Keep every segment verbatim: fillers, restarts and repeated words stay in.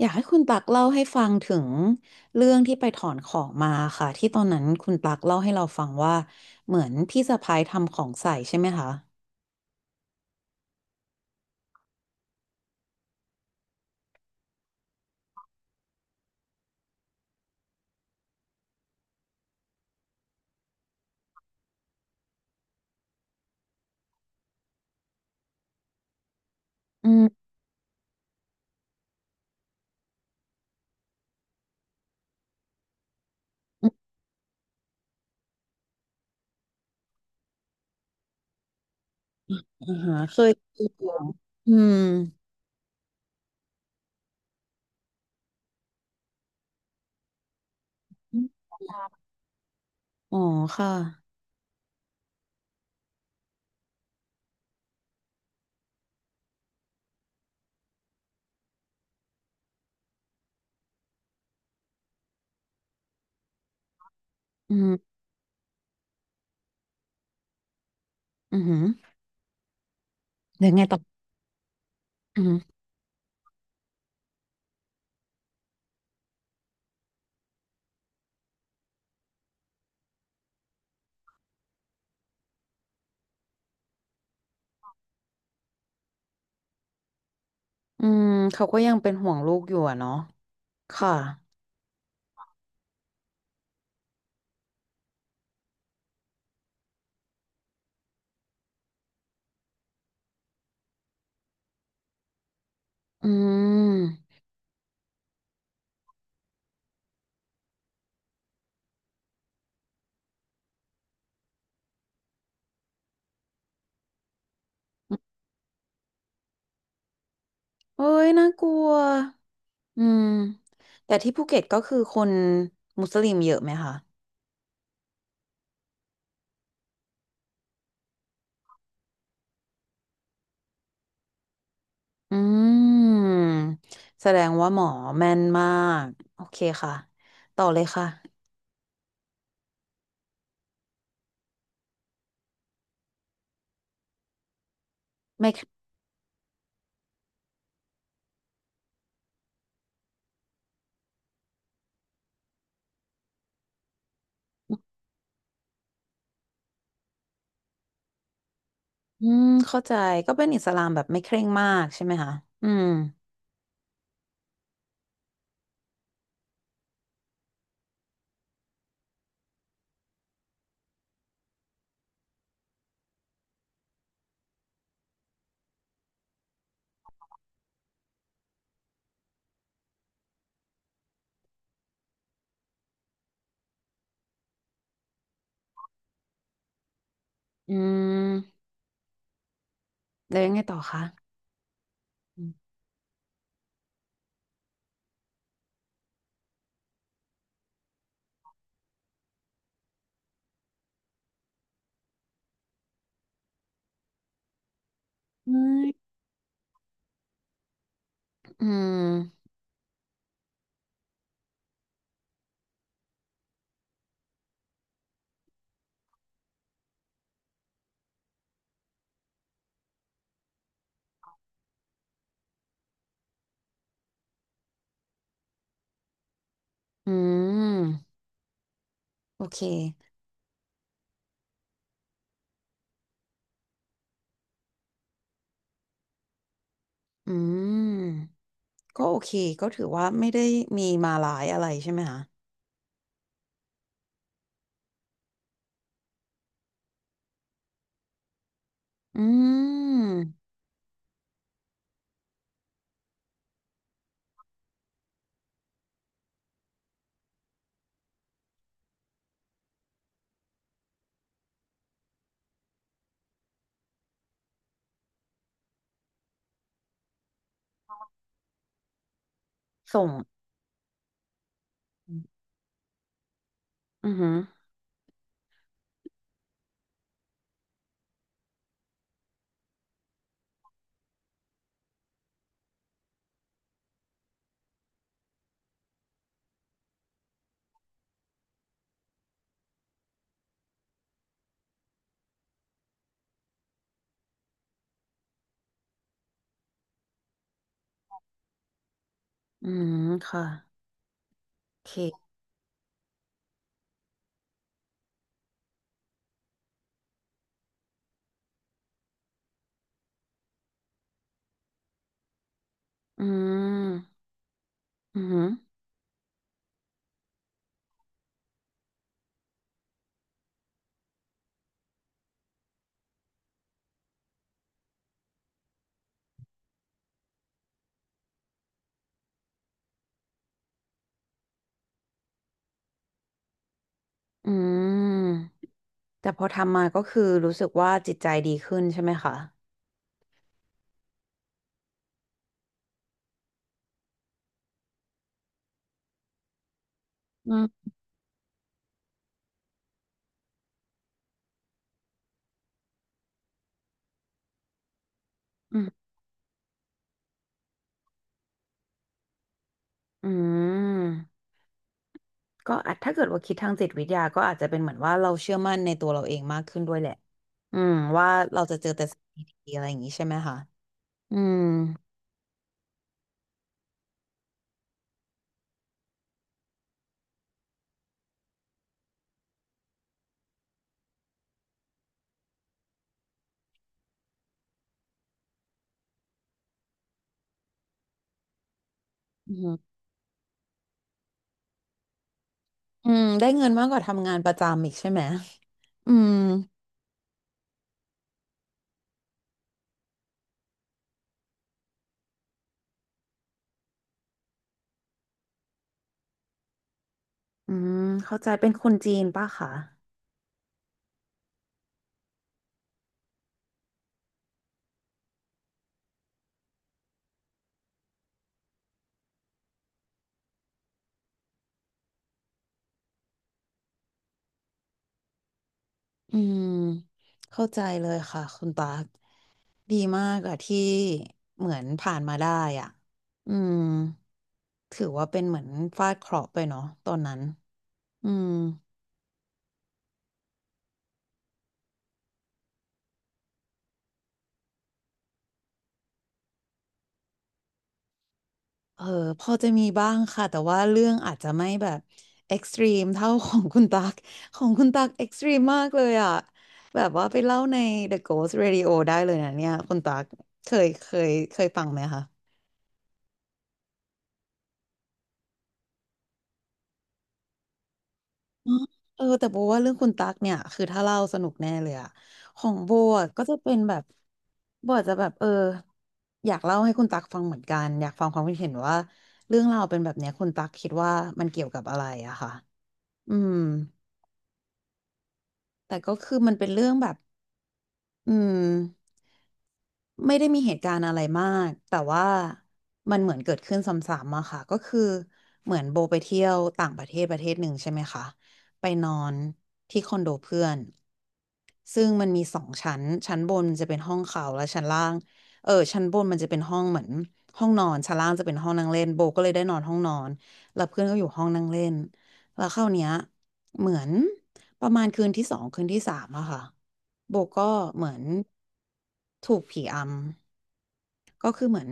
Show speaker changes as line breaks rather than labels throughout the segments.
อยากให้คุณตักเล่าให้ฟังถึงเรื่องที่ไปถอนของมาค่ะที่ตอนนั้นคุณตักเล่าให้เราฟังว่าเหมือนพี่สะพ้ายทำของใส่ใช่ไหมคะอืมอืมอ่าฮะเคยเจอของอืมอ๋อค่ะอืมอือหือเดี๋ยวไงต่ออือืออืมเขาก็ยังเป็นห่วงลูกอยู่อะเนาะค่ะอืมเอ้ยน่ากลัวอืมแต่ที่ภูเก็ตก็คือคนมุสลิมเยอะไหมคะ อืมแสดงว่าหมอแม่นมากโอเคค่ะต่อเลยค่ะไม่อืมเข้าใจก็เป็นอิสลามแบบไม่เคร่งมากใช่ไหมคะอืมอืมแล้วยังไงต่อคะอืมอืมอืมโอเคอืมก็โอเคก็ถือว่าไม่ได้มีมาลายอะไรใช่ไหมคะอืมส่งอือหืออืมค่ะโอเคอืมอือหือ อืมแต่พอทำมาก็คือรู้สึกว่าจิตใจดีขึ้นใช่ไหมคะอืมอืมอืมก็อาจถ้าเกิดว่าคิดทางจิตวิทยาก็อาจจะเป็นเหมือนว่าเราเชื่อมั่นในตัวเราเองมากขึ้นด้วยแหละอืมว่าเราจะเจอแต่สิ่งดีๆอะไรอย่างนี้ใช่ไหมคะอืมอืมอืมได้เงินมากกว่าทำงานประจำอีกใช่ไหมอืมอืมเข้าใจเป็นคนจีนป่ะคะอืมเข้าใจเลยค่ะคุณตา ดีมากอะที่เหมือนผ่านมาได้อ่ะ อืม ถือว่าเป็นเหมือนฟาดเคราะห์ไปเนาะตอนนั้นอืมเออพอจะมีบ้างค่ะแต่ว่าเรื่องอาจจะไม่แบบเอ็กซ์ตรีมเท่าของคุณตัก ของคุณตักเอ็กซ์ตรีมมากเลยอ่ะแบบว่าไปเล่าใน เดอะ โกสต์ เรดิโอ ได้เลยนะเนี่ยคุณตักเคยเคยเคยฟังไหมคะ อ๋อเออแต่โบว่าเรื่องคุณตั๊กเนี่ยคือถ้าเล่าสนุกแน่เลยอะของโบอะก็จะเป็นแบบโบอาจจะแบบเอออยากเล่าให้คุณตั๊กฟังเหมือนกันอยากฟังความคิดเห็นว่าเรื่องราวเป็นแบบเนี้ยคุณตั๊กคิดว่ามันเกี่ยวกับอะไรอะค่ะอืมแต่ก็คือมันเป็นเรื่องแบบอืม ไม่ได้มีเหตุการณ์อะไรมากแต่ว่ามันเหมือนเกิดขึ้นซ้ำๆอะค่ะก็คือเหมือนโบไปเที่ยวต่างประเทศประเทศหนึ่งใช่ไหมคะไปนอนที่คอนโดเพื่อนซึ่งมันมีสองชั้นชั้นบนจะเป็นห้องเขาและชั้นล่างเออชั้นบนมันจะเป็นห้องเหมือนห้องนอนชั้นล่างจะเป็นห้องนั่งเล่นโบก็เลยได้นอนห้องนอนแล้วเพื่อนก็อยู่ห้องนั่งเล่นแล้วคราวเนี้ย เหมือนประมาณคืนที่สองคืนที่สามอะค่ะโบก็เหมือนถูกผีอำก็คือเหมือน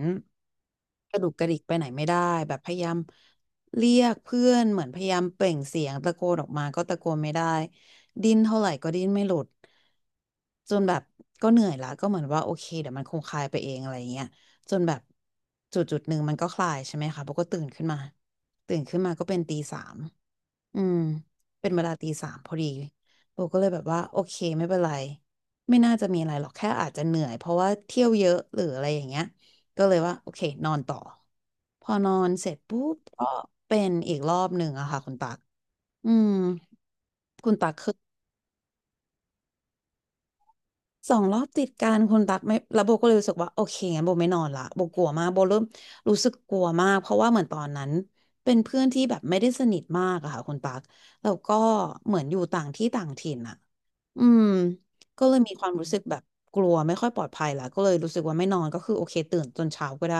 กระดุกกระดิกไปไหนไม่ได้แบบพยายามเรียกเพื่อนเหมือนพยายามเปล่งเสียงตะโกนออกมาก็ตะโกนไม่ได้ดิ้นเท่าไหร่ก็ดิ้นไม่หลุดจนแบบก็เหนื่อยละก็เหมือนว่าโอเคเดี๋ยวมันคงคลายไปเองอะไรเงี้ยจนแบบจุดจุดหนึ่งมันก็คลายใช่ไหมคะโบก็ตื่นขึ้นมาตื่นขึ้นมาก็เป็นตีสาม อืมเป็นเวลาตีสามพอดีโบก็เลยแบบว่าโอเคไม่เป็นไรไม่น่าจะมีอะไรหรอกแค่อาจจะเหนื่อยเพราะว่าเที่ยวเยอะหรืออะไรอย่างเงี้ยก็เลยว่าโอเคนอนต่อพอนอนเสร็จปุ๊บก็เป็นอีกรอบหนึ่งอะค่ะคุณตักอืมคุณตักคือสองรอบติดกันคุณตักไม่แล้วโบก็เลยรู้สึกว่าโอเคงั้นโบไม่นอนละโบกลัวมากโบเริ่มรู้สึกกลัวมากเพราะว่าเหมือนตอนนั้นเป็นเพื่อนที่แบบไม่ได้สนิทมากอะค่ะคุณตักแล้วก็เหมือนอยู่ต่างที่ต่างถิ่นอะ อืมก็เลยมีความรู้สึกแบบกลัวไม่ค่อยปลอดภัยละก็เลยรู้สึกว่าไม่นอนก็คือโอเคตื่นจนเช้าก็ได้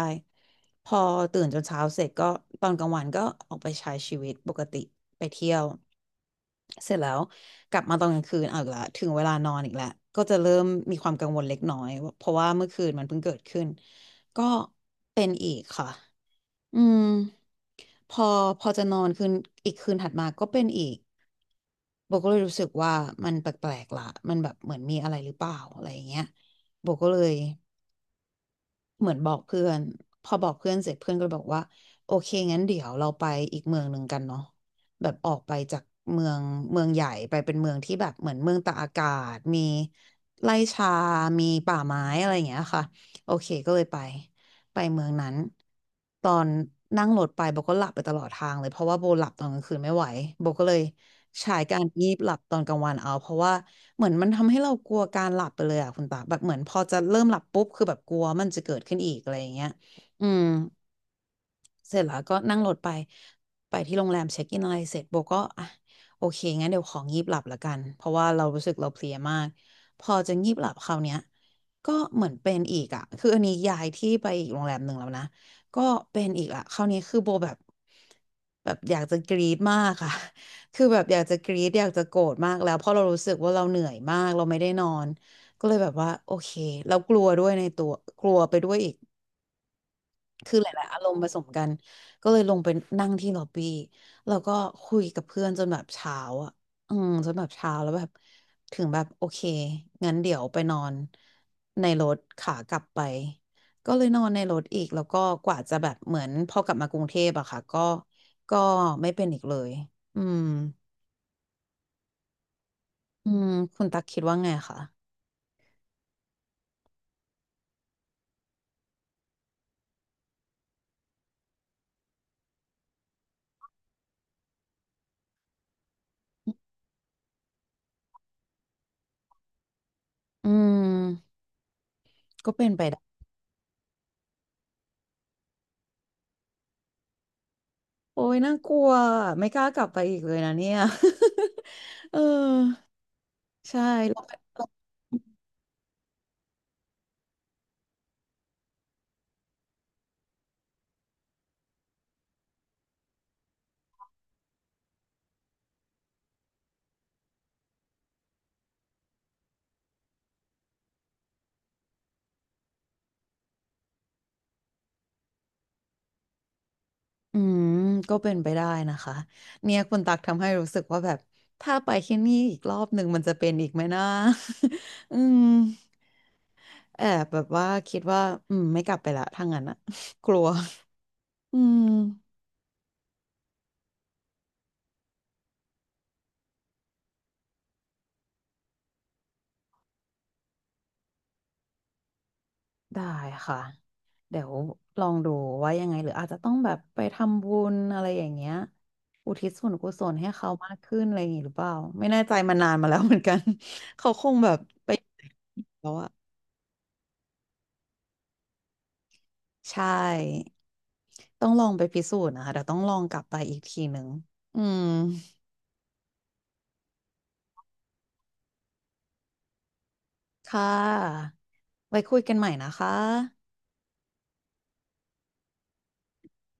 พอตื่นจนเช้าเสร็จก็ตอนกลางวันก็ออกไปใช้ชีวิตปกติไปเที่ยวเสร็จแล้วกลับมาตอนกลางคืนเอาอีกละถึงเวลานอนอีกแล้วก็จะเริ่มมีความกังวลเล็กน้อยเพราะว่าเมื่อคืนมันเพิ่งเกิดขึ้นก็เป็นอีกค่ะ อืมพอพอจะนอนคืนอีกคืนถัดมาก็เป็นอีกโบก็เลยรู้สึกว่ามันแปลกๆละมันแบบเหมือนมีอะไรหรือเปล่าอะไรอย่างเงี้ยโบก็เลย เหมือนบอกเพื่อนพอบอกเพื่อนเสร็จเพื่อนก็เลยบอกว่าโอเคงั้นเดี๋ยวเราไปอีกเมืองหนึ่งกันเนาะแบบออกไปจากเมืองเมืองใหญ่ไปเป็นเมืองที่แบบเหมือนเมืองตากอากาศมีไร่ชามีป่าไม้อะไรอย่างเงี้ยค่ะโอเคก็เลยไปไปเมืองนั้นตอนนั่งรถไปโบก็หลับไปตลอดทางเลยเพราะว่าโบหลับตอนกลางคืนไม่ไหวโบก็เลยใช้การงีบหลับตอนกลางวันเอาเพราะว่า เหมือนมันทำให้เรากลัวการหลับไปเลยอ่ะคุณตาแบบเหมือนพอจะเริ่มหลับปุ๊บคือแบบกลัวมันจะเกิดขึ้นอีกอะไรอย่างเงี้ยอืม เสร็จแล้วก็นั่งรถไปไปที่โรงแรมเช็คอินอะไรเสร็จโบก็อ่ะโอเคงั้นเดี๋ยวของงีบหลับละกันเพราะว่าเรารู้สึกเราเพลียมากพอจะงีบหลับคราวเนี้ยก็เหมือนเป็นอีกอ่ะคืออันนี้ย้ายที่ไปอีกโรงแรมหนึ่งแล้วนะก็เป็นอีกอ่ะคราวนี้คือโบแบบแบบอยากจะกรี๊ดมากค่ะ คือแบบอยากจะกรี๊ดอยากจะโกรธมากแล้วเพราะเรารู้สึกว่าเราเหนื่อยมากเราไม่ได้นอนก็เลยแบบว่าโอเคเรากลัวด้วยในตัวกลัวไปด้วยอีก คือหลายๆอารมณ์ผสมกันก็เลยลงไปนั่งที่ล็อบบี้แล้วก็คุยกับเพื่อนจนแบบเช้าอ่ะอืมจนแบบเช้าแล้วแบบถึงแบบโอเคงั้นเดี๋ยวไปนอนในรถขากลับไปก็เลยนอนในรถอีกแล้วก็กว่าจะแบบเหมือนพอกลับมากรุงเทพอะค่ะก็ก็ไม่เป็นอีกเลยอืมอืมคุณตักคิดว่าไงคะอืมก็เป็นไปได้โอ้ยน่ากลัวไม่กล้ากลับไปอีกเลยนะเนี่ย เออใช่ อืมก็เป็นไปได้นะคะเนี่ยคุณตักทำให้รู้สึกว่าแบบถ้าไปที่นี่อีกรอบหนึ่งมันจะเป็นอีกไหมนะ อืมแอบแบบว่าคิดว่าอืมไม่กลับไปละถ้างั้นอะ กลัวอืมได้ค่ะเดี๋ยวลองดูว่ายังไงหรืออาจจะต้องแบบไปทำบุญอะไรอย่างเงี้ยอุทิศส่วนกุศลให้เขามากขึ้นอะไรอย่างงี้หรือเปล่าไม่แน่ใจมานานมาแล้วเหมือนกัน เขาคงแบบไปแล้วอะ ใช่ต้องลองไปพิสูจน์นะคะเดี๋ยวต้องลองกลับไปอีกทีหนึ่งอืมค่ะไว้คุยกันใหม่นะคะ